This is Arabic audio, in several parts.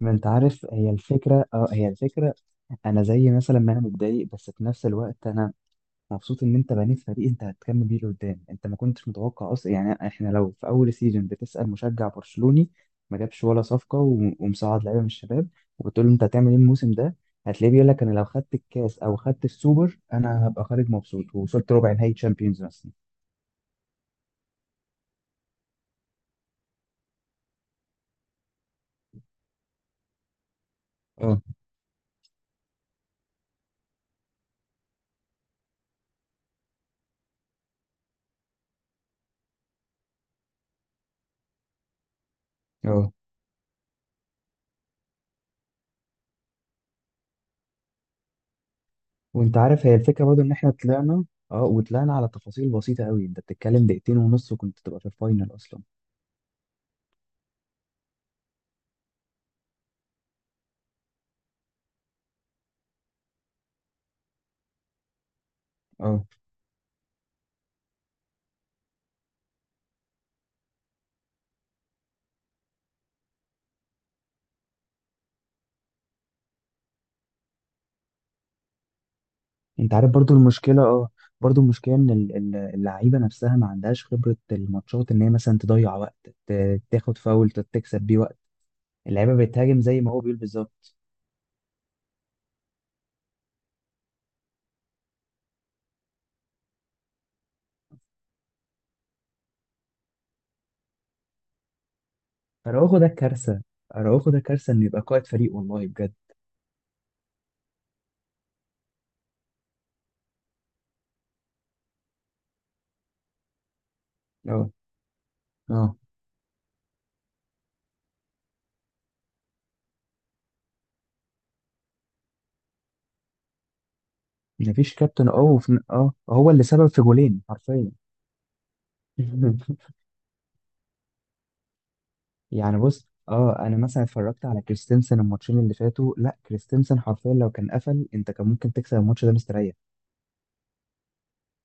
ما انت عارف، هي الفكرة. انا زي مثلا ما انا متضايق، بس في نفس الوقت انا مبسوط ان انت بنيت فريق انت هتكمل بيه لقدام. انت ما كنتش متوقع اصلا. يعني احنا لو في اول سيزون بتسأل مشجع برشلوني ما جابش ولا صفقة و- ومصعد لعيبة من الشباب، وبتقول له انت هتعمل ايه الموسم ده، هتلاقيه بيقول لك انا لو خدت الكاس او خدت السوبر انا هبقى خارج مبسوط، ووصلت ربع نهائي تشامبيونز مثلا. اه. اه. وانت عارف، هي الفكره برضو ان احنا طلعنا اه وطلعنا على تفاصيل بسيطه قوي. انت بتتكلم دقيقتين ونص وكنت تبقى في الفاينل اصلا. اه. انت عارف، برضو المشكله ان اللعيبه نفسها ما عندهاش خبره الماتشات، ان هي مثلا تضيع وقت، تاخد فاول تكسب بيه وقت. اللعيبه بتهاجم زي ما هو بيقول بالظبط. اراوخو ده كارثه. اراوخو ده كارثه انه يبقى قائد فريق، والله بجد. اه. اه. مفيش كابتن. هو اللي سبب في جولين حرفيا. يعني بص، انا مثلا اتفرجت على كريستنسن الماتشين اللي فاتوا. لا، كريستنسن حرفيا لو كان قفل انت كان ممكن تكسب الماتش ده مستريح.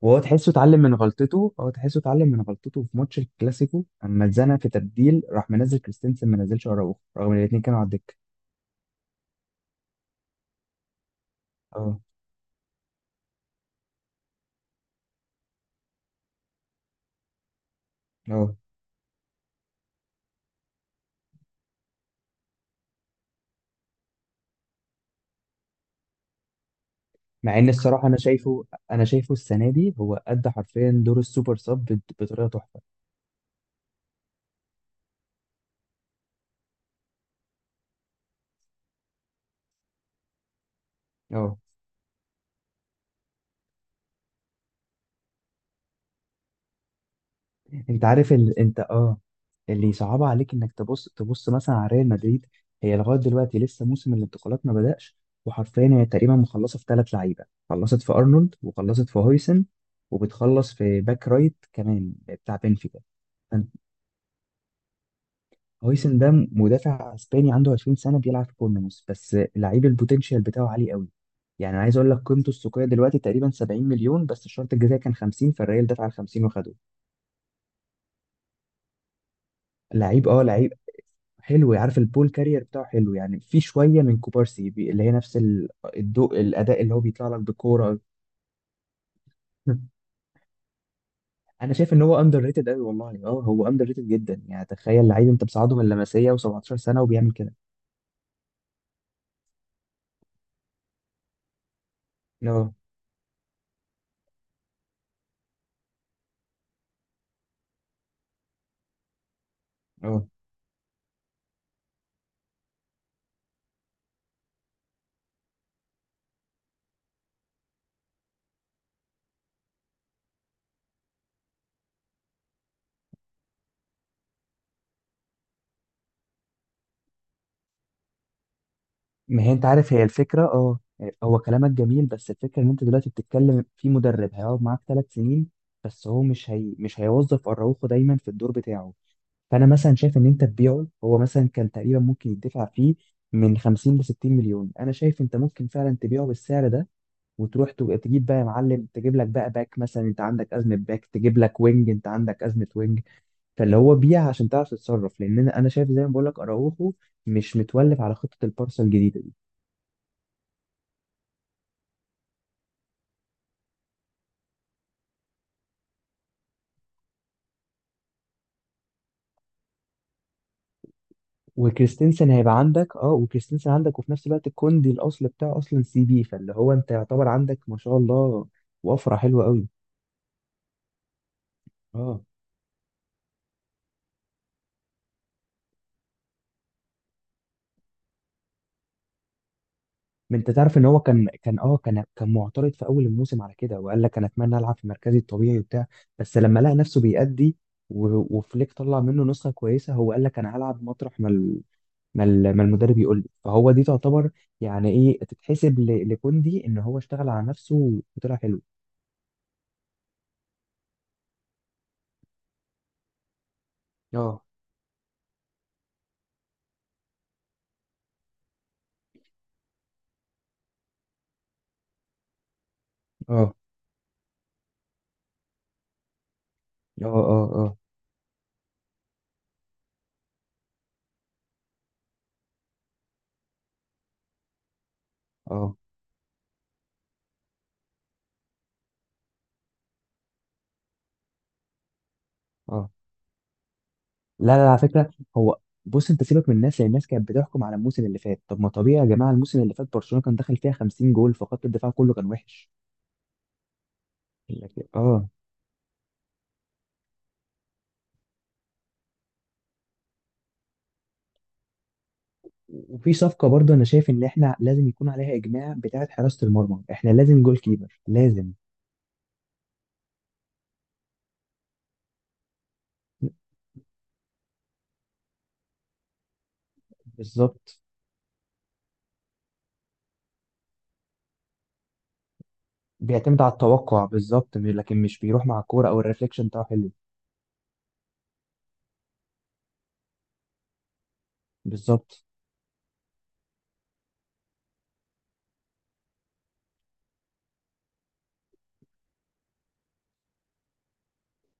وهو تحسه اتعلم من غلطته هو تحسه اتعلم من غلطته في ماتش الكلاسيكو. اما اتزنق في تبديل راح منزل كريستنسن، ما نزلش اراوخو رغم ان الاثنين كانوا على الدكه. اه. اه. مع ان الصراحه انا شايفه السنه دي هو ادى حرفيا دور السوبر سب بطريقه تحفه. اه. انت عارف ال... انت اه اللي صعب عليك انك تبص مثلا على ريال مدريد. هي لغايه دلوقتي لسه موسم الانتقالات ما بدأش، وحرفيا هي تقريبا مخلصه في ثلاث لعيبه. خلصت في ارنولد، وخلصت في هويسن، وبتخلص في باك رايت كمان بتاع بنفيكا. فانت- هويسن ده مدافع اسباني عنده 20 سنه، بيلعب في بورنموث، بس لعيب البوتنشال بتاعه عالي قوي. يعني عايز اقول لك قيمته السوقيه دلوقتي تقريبا 70 مليون، بس الشرط الجزائي كان 50، فالريال دفع ال 50 وخده. لعيب حلو. عارف، البول كارير بتاعه حلو. يعني في شويه من كوبارسي، اللي هي نفس ال- الضوء الاداء اللي هو بيطلع لك بالكوره. انا شايف ان هو اندر ريتد قوي، والله. اه هو اندر ريتد جدا. يعني تخيل لعيب انت بتصعده من اللمسيه و17 سنه وبيعمل كده. اه. اه. ما هي انت عارف هي الفكره. اه هو كلامك جميل، بس الفكره ان انت دلوقتي بتتكلم في مدرب هيقعد معاك 3 سنين. بس هو مش هيوظف اراوخو دايما في الدور بتاعه. فانا مثلا شايف ان انت تبيعه. هو مثلا كان تقريبا ممكن يدفع فيه من 50 ل 60 مليون. انا شايف انت ممكن فعلا تبيعه بالسعر ده، وتروح تجيب بقى يا معلم. تجيب لك بقى باك مثلا، انت عندك ازمه باك. تجيب لك وينج، انت عندك ازمه وينج. فاللي هو بيع عشان تعرف تتصرف، لان انا شايف زي ما بقول لك، اراوخو مش متولف على خطه البارسا الجديده دي. وكريستنسن عندك، وفي نفس الوقت الكوندي الاصل بتاعه اصلا سي بي، فاللي هو انت يعتبر عندك، ما شاء الله، وفره حلوه قوي. اه. ما انت تعرف ان هو كان كان اه كان كان معترض في اول الموسم على كده، وقال لك انا اتمنى العب في مركزي الطبيعي وبتاع. بس لما لقى نفسه بيأدي، و- وفليك طلع منه نسخه كويسه، هو قال لك انا هلعب مطرح ما المدرب يقول لي. فهو دي تعتبر، يعني ايه، تتحسب ل- لكوندي ان هو اشتغل على نفسه وطلع حلو. اه. اه. اه. اه. اه. اه. اه. لا، لا، على فكره. هو، بص، انت سيبك من الناس، لان الناس كانت بتحكم على الموسم اللي فات. طب ما طبيعي يا جماعه، الموسم اللي فات برشلونه كان دخل فيها 50 جول، فخط الدفاع كله كان وحش. لكن وفي صفقة برضو أنا شايف إن إحنا لازم يكون عليها إجماع، بتاعة حراسة المرمى. إحنا لازم جول كيبر، لازم. بالظبط. بيعتمد على التوقع بالظبط، لكن مش بيروح مع الكورة، أو الريفليكشن بتاعه حلو. بالظبط.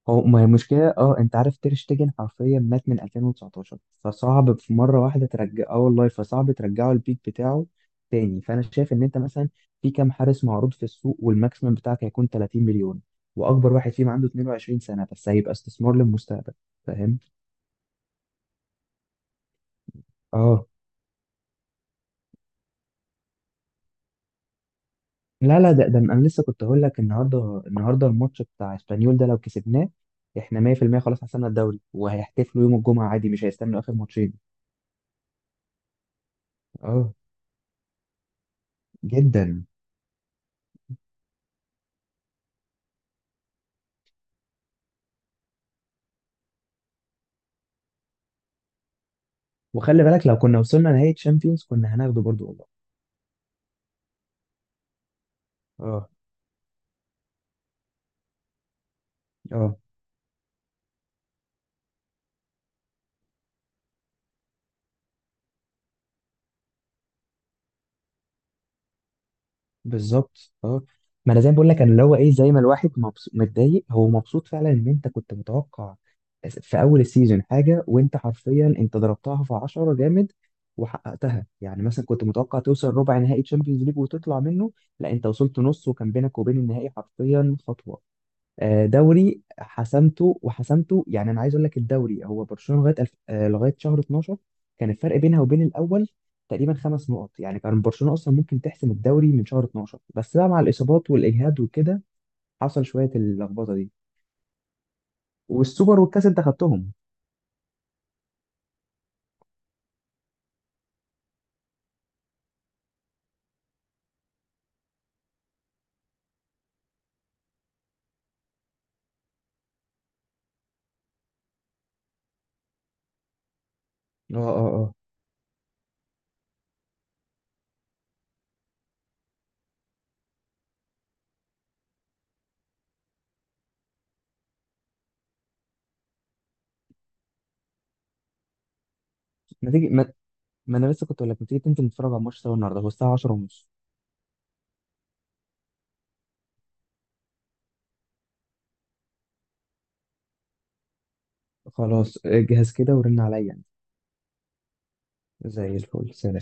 هو، ما هي المشكلة، انت عارف تير شتيجن حرفيا مات من 2019، فصعب في مرة واحدة ترجع. اه والله، فصعب ترجعه البيك بتاعه تاني. فانا شايف ان انت مثلا في كام حارس معروض في السوق، والماكسيمم بتاعك هيكون 30 مليون، واكبر واحد فيهم عنده 22 سنة، بس هيبقى استثمار للمستقبل، فاهم. اه. لا، لا، ده. انا لسه كنت هقول لك النهارده الماتش بتاع اسبانيول ده لو كسبناه، احنا 100% خلاص حسمنا الدوري، وهيحتفلوا يوم الجمعة عادي، مش هيستنوا اخر ماتشين. اه، جدا. وخلي بالك، لو كنا وصلنا نهائي تشامبيونز كنا هناخده برضو، والله. اه. اه. بالظبط. اه. ما انا زي ما بقول لك، انا اللي هو ايه، زي ما الواحد مبسوط متضايق. هو مبسوط فعلا ان انت كنت متوقع في اول السيزون حاجه، وانت حرفيا انت ضربتها في 10 جامد وحققتها. يعني مثلا كنت متوقع توصل ربع نهائي تشامبيونز ليج وتطلع منه، لا انت وصلت نص، وكان بينك وبين النهائي حرفيا خطوه. آه، دوري حسمته وحسمته. يعني انا عايز اقول لك، الدوري هو برشلونه لغايه شهر 12، كان الفرق بينها وبين الاول تقريبا خمس نقط. يعني كان برشلونه اصلا ممكن تحسم الدوري من شهر 12، بس بقى مع الاصابات والاجهاد وكده حصل شويه اللخبطه دي. والسوبر والكاس انت خدتهم. اه. اه. اه. ما تيجي ما, ما انا لسه كنت اقول لك، ما تيجي تنزل نتفرج على الماتش سوا النهارده، هو الساعه 10 ونص. خلاص، اجهز كده ورن عليا يعني. زي الفل، سلام.